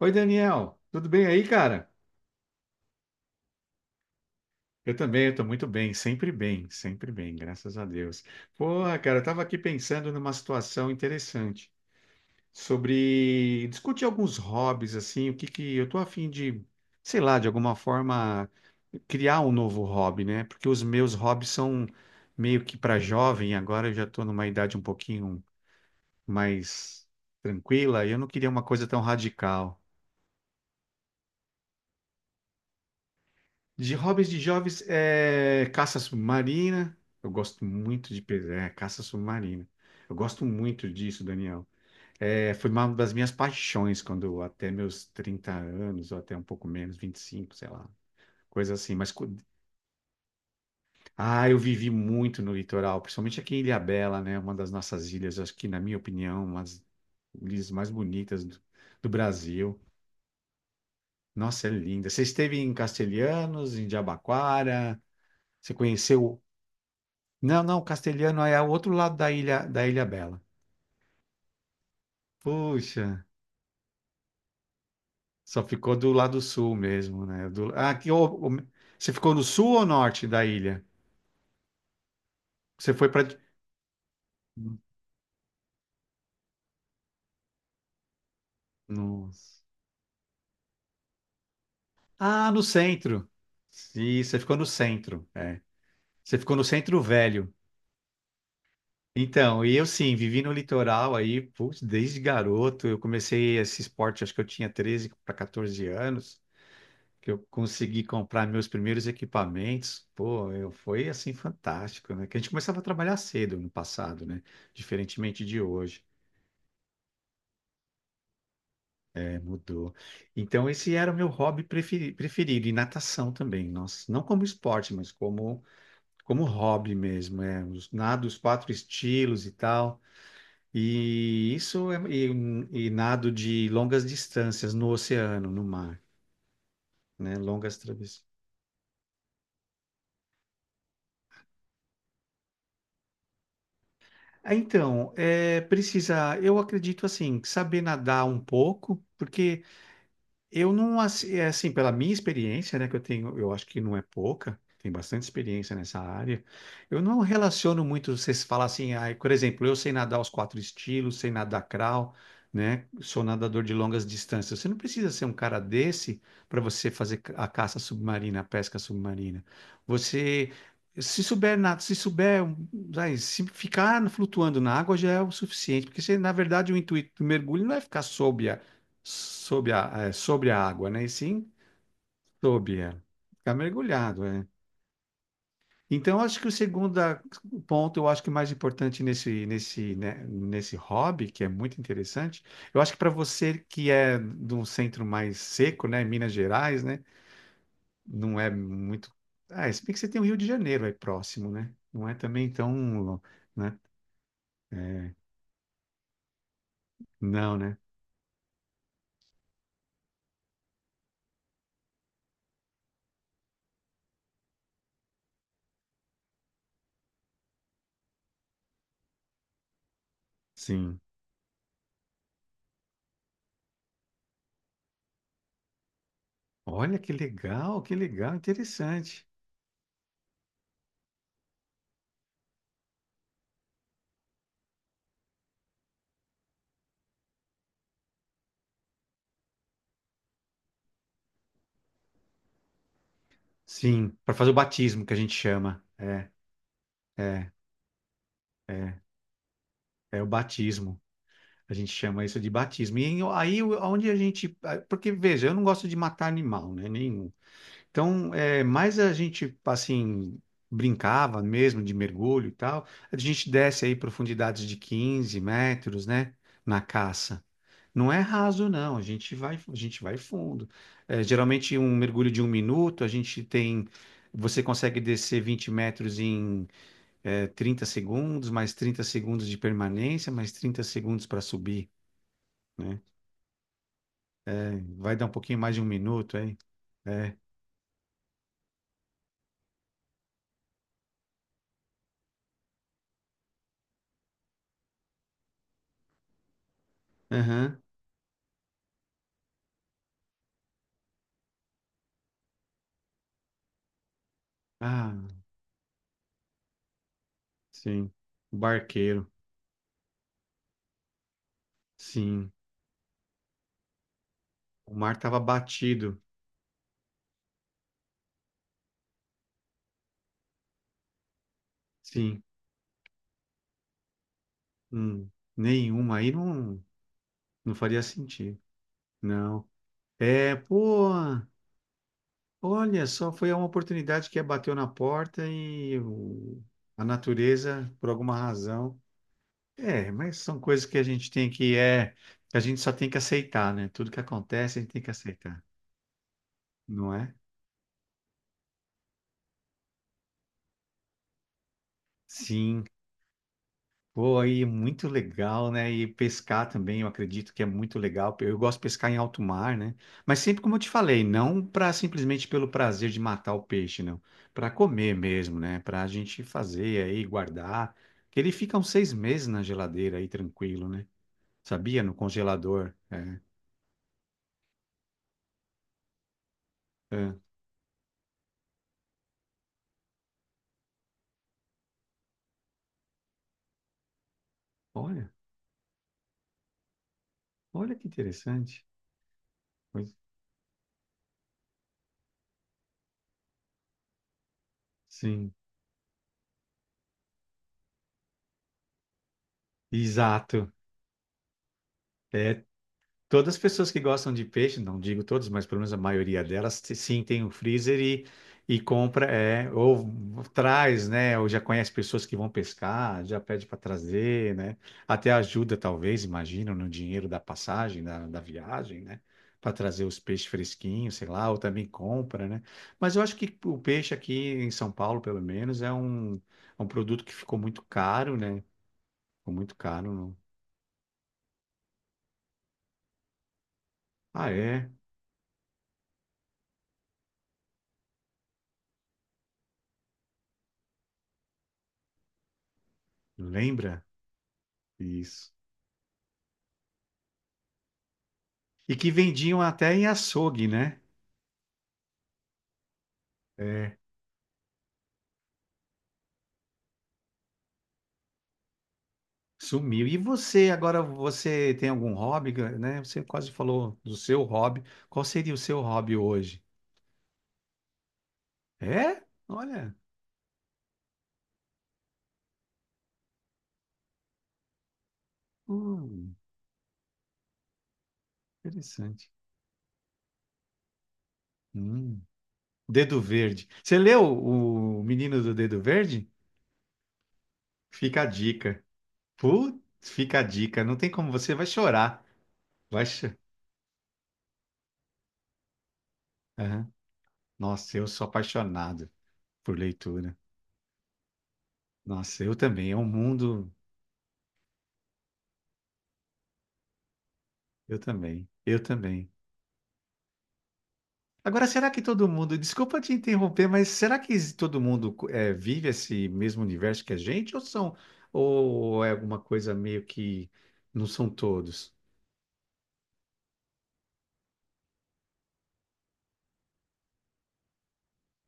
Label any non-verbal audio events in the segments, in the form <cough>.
Oi, Daniel, tudo bem aí, cara? Eu também, eu tô muito bem, sempre bem, sempre bem, graças a Deus. Porra, cara, eu tava aqui pensando numa situação interessante sobre discutir alguns hobbies, assim, o que que eu tô a fim de, sei lá, de alguma forma criar um novo hobby, né? Porque os meus hobbies são meio que para jovem, agora eu já tô numa idade um pouquinho mais tranquila e eu não queria uma coisa tão radical. De hobbies de jovens é caça submarina. Eu gosto muito de caça submarina. Eu gosto muito disso, Daniel. É, foi uma das minhas paixões até meus 30 anos, ou até um pouco menos, 25 sei lá, coisa assim. Ah, eu vivi muito no litoral, principalmente aqui em Ilhabela, né? Uma das nossas ilhas, acho que, na minha opinião, uma das ilhas mais bonitas do Brasil. Nossa, é linda. Você esteve em Castelhanos, em Jabaquara? Você conheceu. Não, não, Castelhano é o outro lado da Ilha Bela. Puxa, só ficou do lado sul mesmo, né? Do, ah, você ficou no sul ou norte da ilha? Você foi para. Nossa. Ah, no centro. Sim, você ficou no centro. É. Você ficou no centro velho. Então, e eu sim, vivi no litoral aí, putz, desde garoto. Eu comecei esse esporte, acho que eu tinha 13 para 14 anos. Que eu consegui comprar meus primeiros equipamentos, pô, eu, foi assim fantástico, né? Que a gente começava a trabalhar cedo no passado, né? Diferentemente de hoje, né? Mudou. Então, esse era o meu hobby preferido, e natação também, nossa, não como esporte, mas como, como hobby mesmo, é, os, nado os quatro estilos e tal. E isso é, e nado de longas distâncias no oceano, no mar, né? Longas travessias. Ah, então, é, precisa, eu acredito assim, saber nadar um pouco, porque eu não, assi- é assim, pela minha experiência, né, que eu tenho, eu acho que não é pouca, tem bastante experiência nessa área. Eu não relaciono muito, você se fala assim, ah, por exemplo, eu sei nadar os quatro estilos, sei nadar crawl, né, sou nadador de longas distâncias. Você não precisa ser um cara desse para você fazer a caça submarina, a pesca submarina. Você, se souber nadar, se souber, ai, se ficar flutuando na água já é o suficiente, porque você, na verdade, o intuito do mergulho não é ficar sob. Sob a, é, sobre a água, né? E sim, sob, é. Ficar mergulhado, é. Então, acho que o ponto, eu acho que mais importante nesse, nesse, né, nesse hobby, que é muito interessante, eu acho que para você que é de um centro mais seco, né, Minas Gerais, né, não é muito. Ah, se bem que você tem o Rio de Janeiro aí próximo, né? Não é também tão, né? É, não, né? Sim. Olha que legal, interessante. Sim, para fazer o batismo que a gente chama. É. É o batismo. A gente chama isso de batismo. E aí, onde a gente. Porque, veja, eu não gosto de matar animal, né? Nenhum. Então, é, mais a gente, assim, brincava mesmo de mergulho e tal. A gente desce aí profundidades de 15 metros, né? Na caça. Não é raso, não. A gente vai fundo. É, geralmente, um mergulho de um minuto, a gente tem. Você consegue descer 20 metros em 30 segundos, mais 30 segundos de permanência, mais 30 segundos para subir, né? É, vai dar um pouquinho mais de um minuto aí. É. Aham. Ah, sim. O barqueiro. Sim. O mar estava batido. Sim. Hum. Nenhuma aí não, não faria sentido. Não. É, pô, olha só, foi uma oportunidade que é, bateu na porta a natureza, por alguma razão, é, mas são coisas que a gente tem que é, que a gente só tem que aceitar, né? Tudo que acontece a gente tem que aceitar, não é? Sim. Pô, aí é muito legal, né? E pescar também, eu acredito que é muito legal. Eu gosto de pescar em alto mar, né? Mas sempre como eu te falei, não para simplesmente pelo prazer de matar o peixe, não. Para comer mesmo, né? Para a gente fazer aí, guardar. Que ele fica uns seis meses na geladeira aí, tranquilo, né? Sabia? No congelador. É. É. Olha, olha que interessante. Sim, exato. É, todas as pessoas que gostam de peixe, não digo todas, mas pelo menos a maioria delas, sim, tem um freezer e compra, é, ou traz, né? Ou já conhece pessoas que vão pescar, já pede para trazer, né? Até ajuda, talvez, imagino, no dinheiro da passagem, da viagem, né? Para trazer os peixes fresquinhos, sei lá, ou também compra, né? Mas eu acho que o peixe aqui em São Paulo, pelo menos, é um produto que ficou muito caro, né? Ficou muito caro. Não. Ah, é? Lembra? Isso. E que vendiam até em açougue, né? É, sumiu. E você, agora você tem algum hobby, né? Você quase falou do seu hobby. Qual seria o seu hobby hoje? É? Olha, hum, interessante. Hum, Dedo Verde. Você leu O Menino do Dedo Verde? Fica a dica. Putz, fica a dica. Não tem como, você vai chorar. Vai cho- Aham. Nossa, eu sou apaixonado por leitura. Nossa, eu também. É um mundo. Eu também, eu também. Agora, será que todo mundo, desculpa te interromper, mas será que todo mundo vive esse mesmo universo que a gente, ou são, ou é alguma coisa meio que não são todos?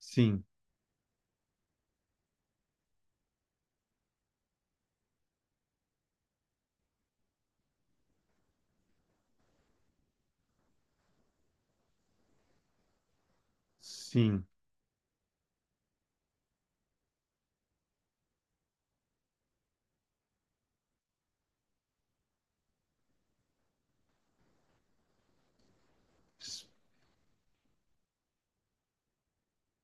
Sim, sim.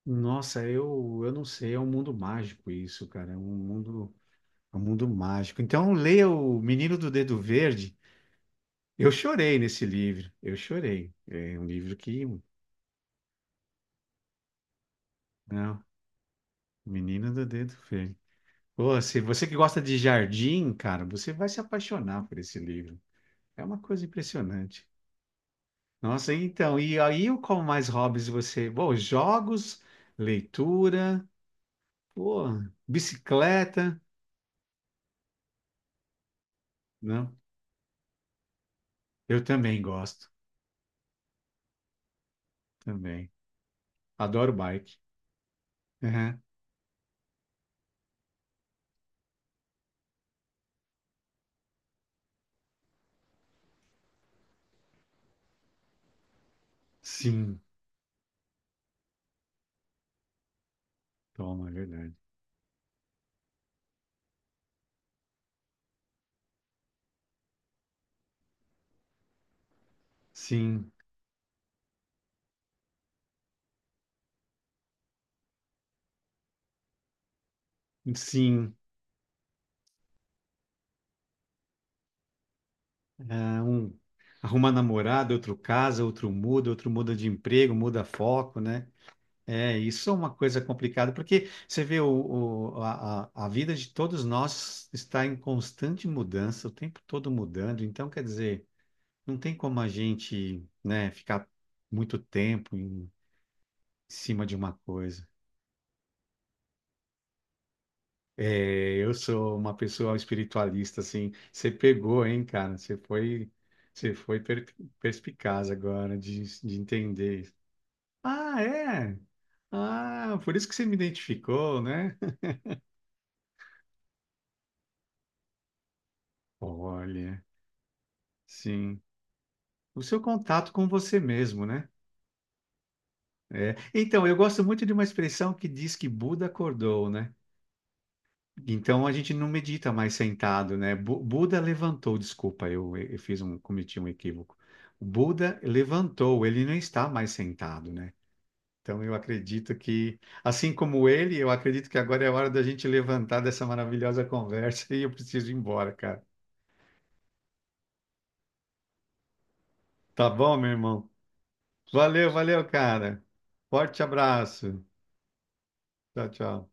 Nossa, eu não sei, é um mundo mágico isso, cara, é um mundo mágico. Então, leia O Menino do Dedo Verde. Eu chorei nesse livro, eu chorei. É um livro que, não, Menino do Dedo Verde. Pô, se você que gosta de jardim, cara, você vai se apaixonar por esse livro. É uma coisa impressionante. Nossa, então, e aí qual mais hobbies você? Bom, jogos, leitura, pô, bicicleta, não? Eu também gosto, também. Adoro bike. Aham. Sim, toma, é verdade. Sim, sim. Ah, um, arruma namorada, outro casa, outro muda de emprego, muda foco, né? É, isso é uma coisa complicada, porque você vê o, a vida de todos nós está em constante mudança, o tempo todo mudando, então quer dizer, não tem como a gente, né, ficar muito tempo em cima de uma coisa. É, eu sou uma pessoa espiritualista, assim, você pegou, hein, cara? Você foi, você foi per- perspicaz agora de entender isso. Ah, é? Ah, por isso que você me identificou, né? <laughs> Olha, sim. O seu contato com você mesmo, né? É. Então, eu gosto muito de uma expressão que diz que Buda acordou, né? Então a gente não medita mais sentado, né? Buda levantou, desculpa, eu fiz um, cometi um equívoco. O Buda levantou, ele não está mais sentado, né? Então eu acredito que, assim como ele, eu acredito que agora é a hora da gente levantar dessa maravilhosa conversa <laughs> e eu preciso ir embora, cara. Tá bom, meu irmão? Valeu, valeu, cara. Forte abraço. Tchau, tchau.